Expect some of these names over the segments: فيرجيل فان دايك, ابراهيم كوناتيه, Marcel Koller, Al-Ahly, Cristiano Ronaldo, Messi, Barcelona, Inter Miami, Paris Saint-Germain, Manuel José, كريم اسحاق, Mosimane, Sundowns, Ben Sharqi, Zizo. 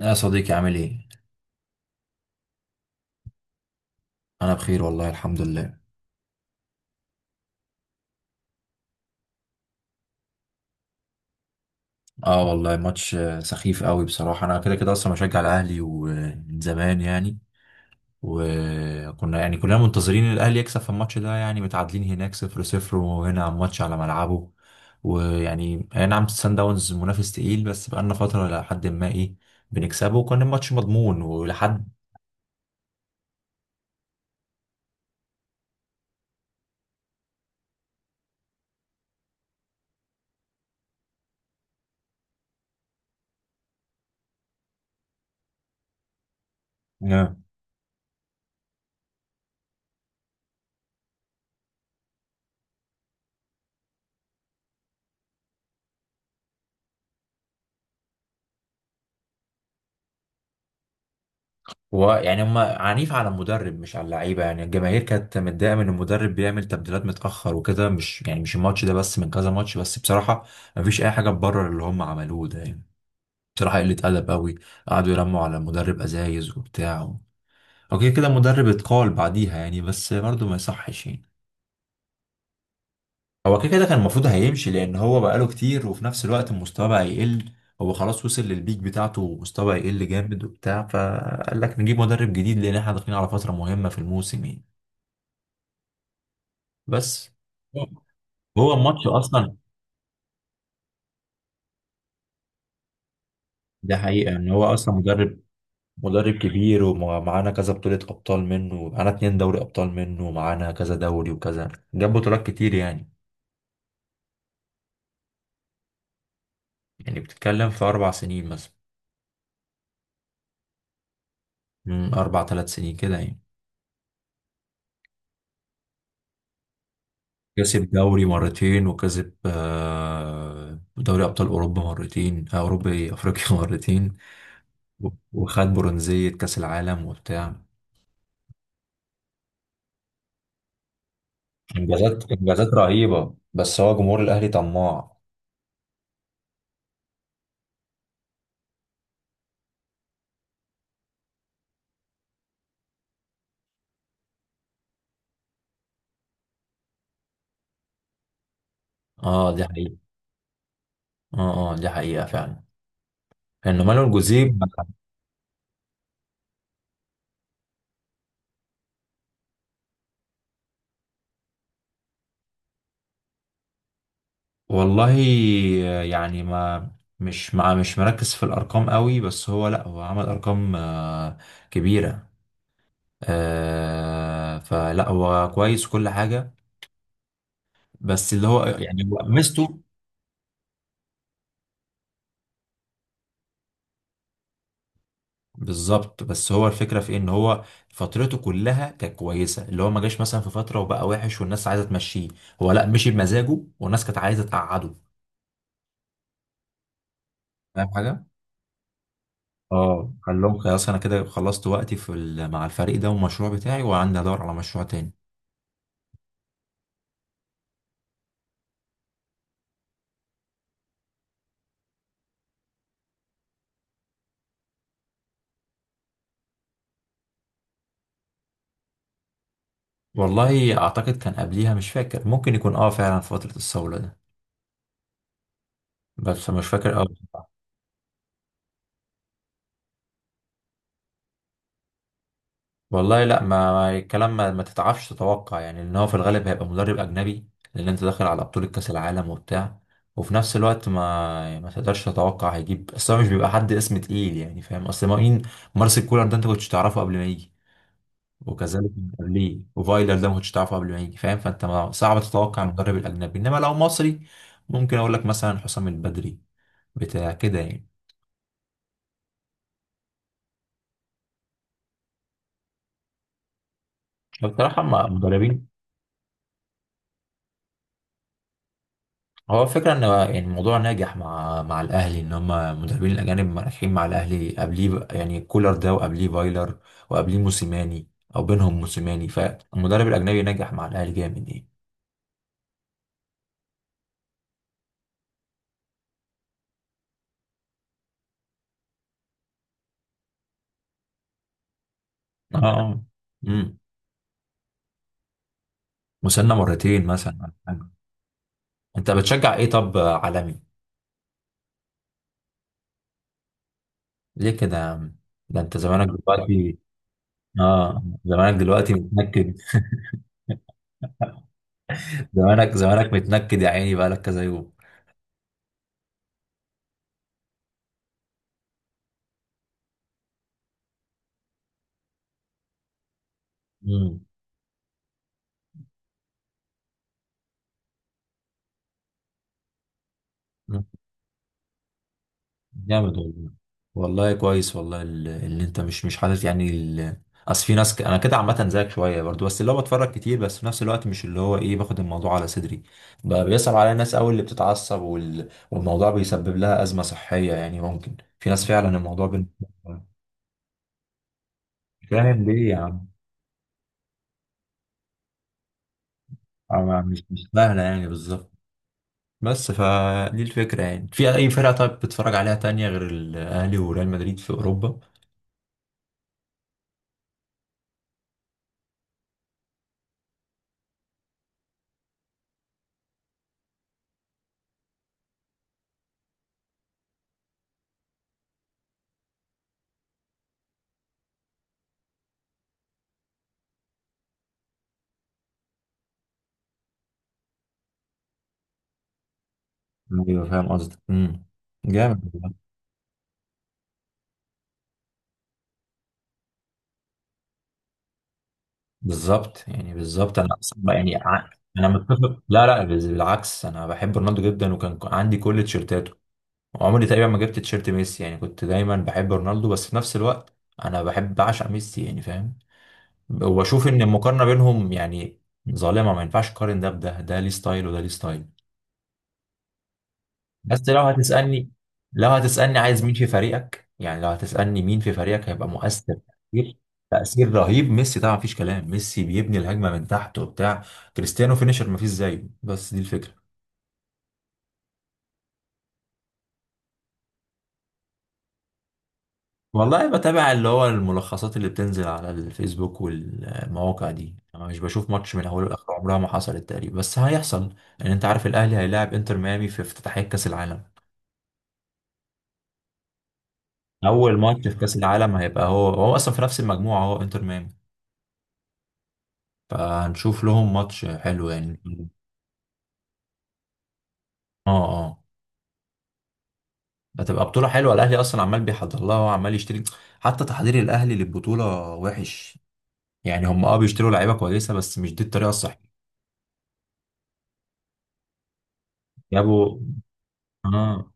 يا صديقي، عامل ايه؟ انا بخير والله، الحمد لله. اه والله ماتش سخيف قوي بصراحة. انا كده كده اصلا بشجع الاهلي ومن زمان يعني. وكنا يعني كلنا منتظرين الاهلي يكسب في الماتش ده، يعني متعادلين هناك 0-0، وهنا على الماتش على ملعبه. ويعني اي نعم، سان داونز منافس تقيل، بس بقالنا فترة لحد ما ايه بنكسبه، وكان الماتش مضمون ولحد. ويعني هم عنيف على المدرب مش على اللعيبه، يعني الجماهير كانت متضايقه من المدرب بيعمل تبديلات متاخر وكده، مش يعني مش الماتش ده بس، من كذا ماتش، بس بصراحه مفيش اي حاجه تبرر اللي هم عملوه ده يعني. بصراحه قله ادب قوي. قعدوا يرموا على المدرب ازايز وبتاع. اوكي كده المدرب اتقال بعديها يعني، بس برضه ما يصحش يعني. هو كده كده كان المفروض هيمشي لان هو بقاله كتير، وفي نفس الوقت المستوى بقى يقل. هو خلاص وصل للبيك بتاعته ومستوى يقل جامد وبتاع، فقال لك نجيب مدرب جديد لان احنا داخلين على فتره مهمه في الموسم يعني. بس هو هو الماتش اصلا. ده حقيقه ان هو اصلا مدرب مدرب كبير، ومعانا كذا بطوله ابطال منه، معانا 2 دوري ابطال منه، ومعانا كذا دوري، وكذا جاب بطولات كتير يعني. يعني بتتكلم في 4 سنين مثلا، من اربع 3 سنين كده يعني. كسب دوري مرتين، وكسب دوري ابطال اوروبا مرتين، اوروبا ايه افريقيا مرتين. وخد برونزيه كاس العالم وبتاع. انجازات رهيبه، بس هو جمهور الاهلي طماع. اه، دي حقيقة. اه. اه، دي حقيقة فعلا. لأنه مانويل الجوزيب. والله يعني ما، مش مع، مش مركز في الأرقام قوي، بس هو لأ، هو عمل أرقام كبيرة. فلأ هو كويس كل حاجة. بس اللي هو يعني هو ميزته. بالظبط، بس هو الفكرة في إيه، إن هو فترته كلها كانت كويسة، اللي هو ما جاش مثلا في فترة وبقى وحش والناس عايزة تمشيه. هو لأ، مشي بمزاجه والناس كانت عايزة تقعده. فاهم حاجة؟ اه، قال لهم خلاص انا كده خلصت وقتي في مع الفريق ده والمشروع بتاعي، وعندي ادور على مشروع تاني. والله اعتقد كان قبليها، مش فاكر، ممكن يكون اه فعلا في فترة الصولة ده، بس مش فاكر قوي بصراحة. والله لا، الكلام ما تتعرفش تتوقع، يعني ان هو في الغالب هيبقى مدرب اجنبي، لان انت داخل على بطولة كاس العالم وبتاع، وفي نفس الوقت ما، يعني ما تقدرش تتوقع هيجيب، اصل هو مش بيبقى حد اسم تقيل يعني، فاهم؟ اصل مين؟ مارسيل كولر ده انت كنتش تعرفه قبل ما يجي، وكذلك من قبليه وفايلر ده ما كنتش تعرفه قبل ما يجي، فاهم؟ فانت صعب تتوقع المدرب الاجنبي، انما لو مصري ممكن اقول لك مثلا حسام البدري بتاع كده يعني. بصراحه مع مدربين، هو فكرة ان يعني الموضوع ناجح مع الاهلي ان هم مدربين الاجانب رايحين مع الاهلي قبليه، يعني كولر ده، وقبليه فايلر، وقبليه موسيماني، او بينهم موسيماني، فالمدرب الاجنبي ناجح مع الاهلي جامد يعني. اه. امم وصلنا مرتين مثلا ولا حاجة. انت بتشجع ايه طب عالمي؟ ليه كده يا عم؟ ده انت زمانك دلوقتي. اه، زمانك دلوقتي متنكد. زمانك زمانك متنكد يا عيني، بقالك كذا يوم. مم. مم. جامد والله. والله كويس والله، اللي انت مش حاطط يعني اصل في ناس انا كده عامه زيك شويه برضو، بس اللي هو بتفرج كتير، بس في نفس الوقت مش اللي هو ايه، باخد الموضوع على صدري. بقى بيصعب عليا الناس قوي اللي بتتعصب، والموضوع بيسبب لها ازمه صحيه، يعني ممكن في ناس فعلا الموضوع فاهم ليه يا عم؟ أنا مش سهله يعني بالظبط. بس فدي الفكرة يعني، في أي فرقة طيب بتتفرج عليها تانية غير الأهلي وريال مدريد في أوروبا؟ ايوه فاهم قصدك. جامد والله. بالظبط يعني بالظبط، انا اصلا يعني انا متفق، لا لا بالعكس انا بحب رونالدو جدا، وكان عندي كل تيشيرتاته، وعمري تقريبا ما جبت تيشيرت ميسي، يعني كنت دايما بحب رونالدو، بس في نفس الوقت انا بحب بعشق ميسي، يعني فاهم. وبشوف ان المقارنة بينهم يعني ظالمة، ما ينفعش تقارن ده بده، ده ليه ستايل وده ليه ستايل. بس لو هتسألني عايز مين في فريقك، يعني لو هتسألني مين في فريقك هيبقى مؤثر؟ تأثير تأثير رهيب، ميسي طبعا، مفيش كلام. ميسي بيبني الهجمة من تحت وبتاع. كريستيانو فينيشر مفيش زيه، بس دي الفكرة. والله بتابع اللي هو الملخصات اللي بتنزل على الفيسبوك والمواقع دي، انا مش بشوف ماتش من اوله لاخره، عمرها ما حصلت تقريبا، بس هيحصل لان انت عارف الاهلي هيلاعب انتر ميامي في افتتاحية كاس العالم. اول ماتش في كاس العالم هيبقى هو اصلا في نفس المجموعة، هو انتر ميامي. فهنشوف لهم ماتش حلو يعني. اه. اه. هتبقى بطولة حلوة، الأهلي أصلا عمال بيحضر لها وعمال يشتري. حتى تحضير الأهلي للبطولة وحش، يعني هم اه بيشتروا لعيبة كويسة، بس مش دي الطريقة الصحيحة. جابوا اه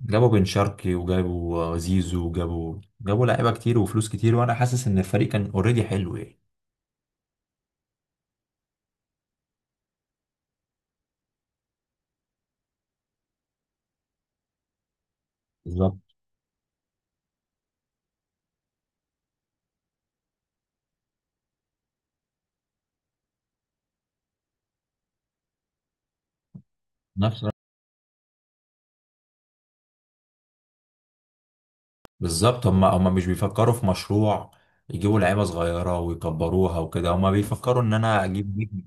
بن شرقي، وجابوا زيزو، جابوا لعيبة كتير وفلوس كتير، وأنا حاسس إن الفريق كان أوريدي حلو يعني. بالظبط. نفس بالظبط، هم مش بيفكروا في مشروع. يجيبوا لعيبة صغيرة ويكبروها وكده، هم بيفكروا إن أنا أجيب نجم.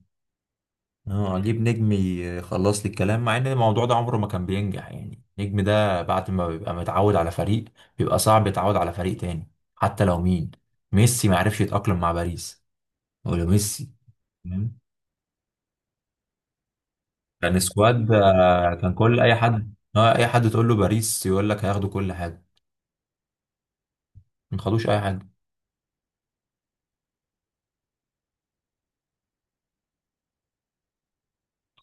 اه، اجيب نجم يخلص لي الكلام، مع ان الموضوع ده عمره ما كان بينجح، يعني النجم ده بعد ما بيبقى متعود على فريق، بيبقى صعب يتعود على فريق تاني حتى لو مين. ميسي ما عرفش يتأقلم مع باريس، ولا ميسي. تمام؟ كان سكواد. كان كل اي حد، اه، اي حد تقول له باريس يقول لك هياخدوا كل حاجه، ما خدوش اي حاجه.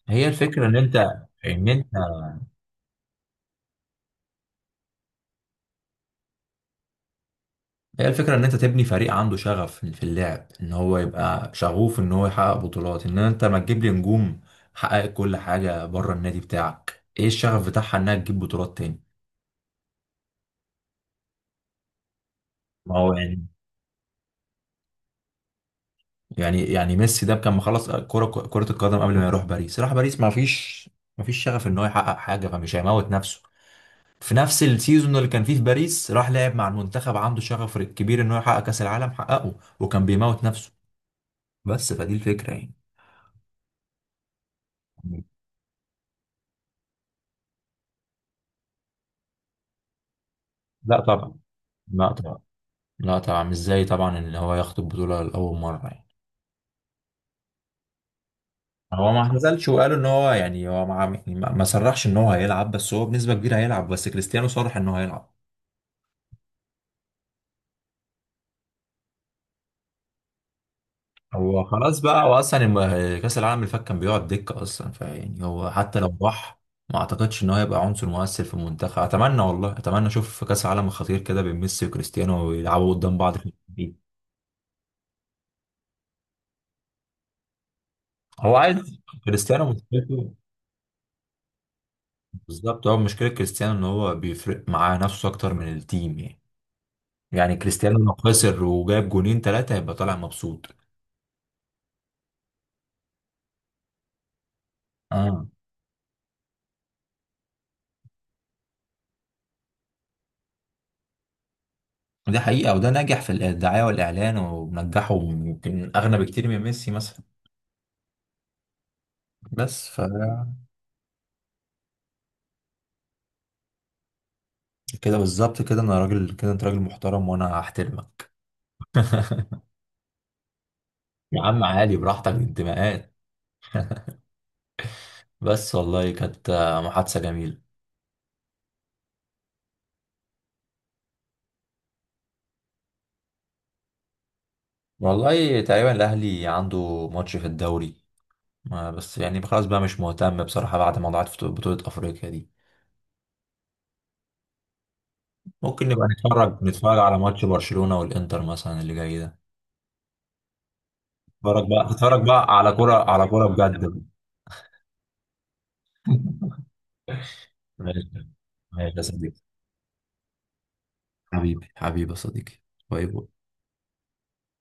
هي الفكره ان انت، ان انت هي الفكرة إن أنت تبني فريق عنده شغف في اللعب، إن هو يبقى شغوف إن هو يحقق بطولات، إن أنت ما تجيب لي نجوم حققت كل حاجة بره النادي بتاعك. إيه الشغف بتاعها إنها تجيب بطولات تاني؟ ما هو يعني. يعني ميسي ده كان مخلص كرة القدم قبل ما يروح باريس، راح باريس ما فيش، شغف إن هو يحقق حاجة، فمش هيموت نفسه. في نفس السيزون اللي كان فيه في باريس، راح لعب مع المنتخب عنده شغف كبير إن هو يحقق كأس العالم، حققه وكان بيموت نفسه، بس فدي الفكرة يعني. لا طبعا. لا طبعا. لا طبعا مش زي طبعا ان هو ياخد البطولة لأول مرة يعني. هو ما اعتزلش، وقالوا ان هو يعني هو ما يعني ما صرحش ان هو هيلعب، بس هو بنسبة كبيرة هيلعب، بس كريستيانو صرح ان هو هيلعب. هو خلاص بقى، هو اصلا كأس العالم اللي فات كان بيقعد دكة اصلا، فيعني هو حتى لو راح ما اعتقدش ان هو هيبقى عنصر مؤثر في المنتخب. اتمنى والله اتمنى اشوف في كأس العالم الخطير كده بين ميسي وكريستيانو ويلعبوا قدام بعض في الفريق. هو عايز، كريستيانو مشكلته، بالظبط، هو مشكلة كريستيانو ان هو بيفرق معاه نفسه اكتر من التيم يعني. يعني كريستيانو لو خسر وجاب جونين ثلاثة هيبقى طالع مبسوط. اه، دي حقيقة. وده ناجح في الدعاية والإعلان ومنجحه، يمكن أغنى بكتير من ميسي مثلا. بس ف، كده بالظبط، كده أنا راجل، كده أنت راجل محترم وأنا هحترمك. يا عم عالي براحتك انتماءات. بس والله كانت محادثة جميلة. والله تقريبا الأهلي عنده ماتش في الدوري، بس يعني خلاص بقى مش مهتم بصراحة بعد موضوعات بطولة أفريقيا دي. ممكن نبقى نتفرج، نتفرج على ماتش برشلونة والإنتر مثلا اللي جاي ده. نتفرج بقى نتفرج بقى على كرة على كرة بجد. ماشي. ماشي يا صديقي. حبيبي حبيبي يا صديقي. باي باي.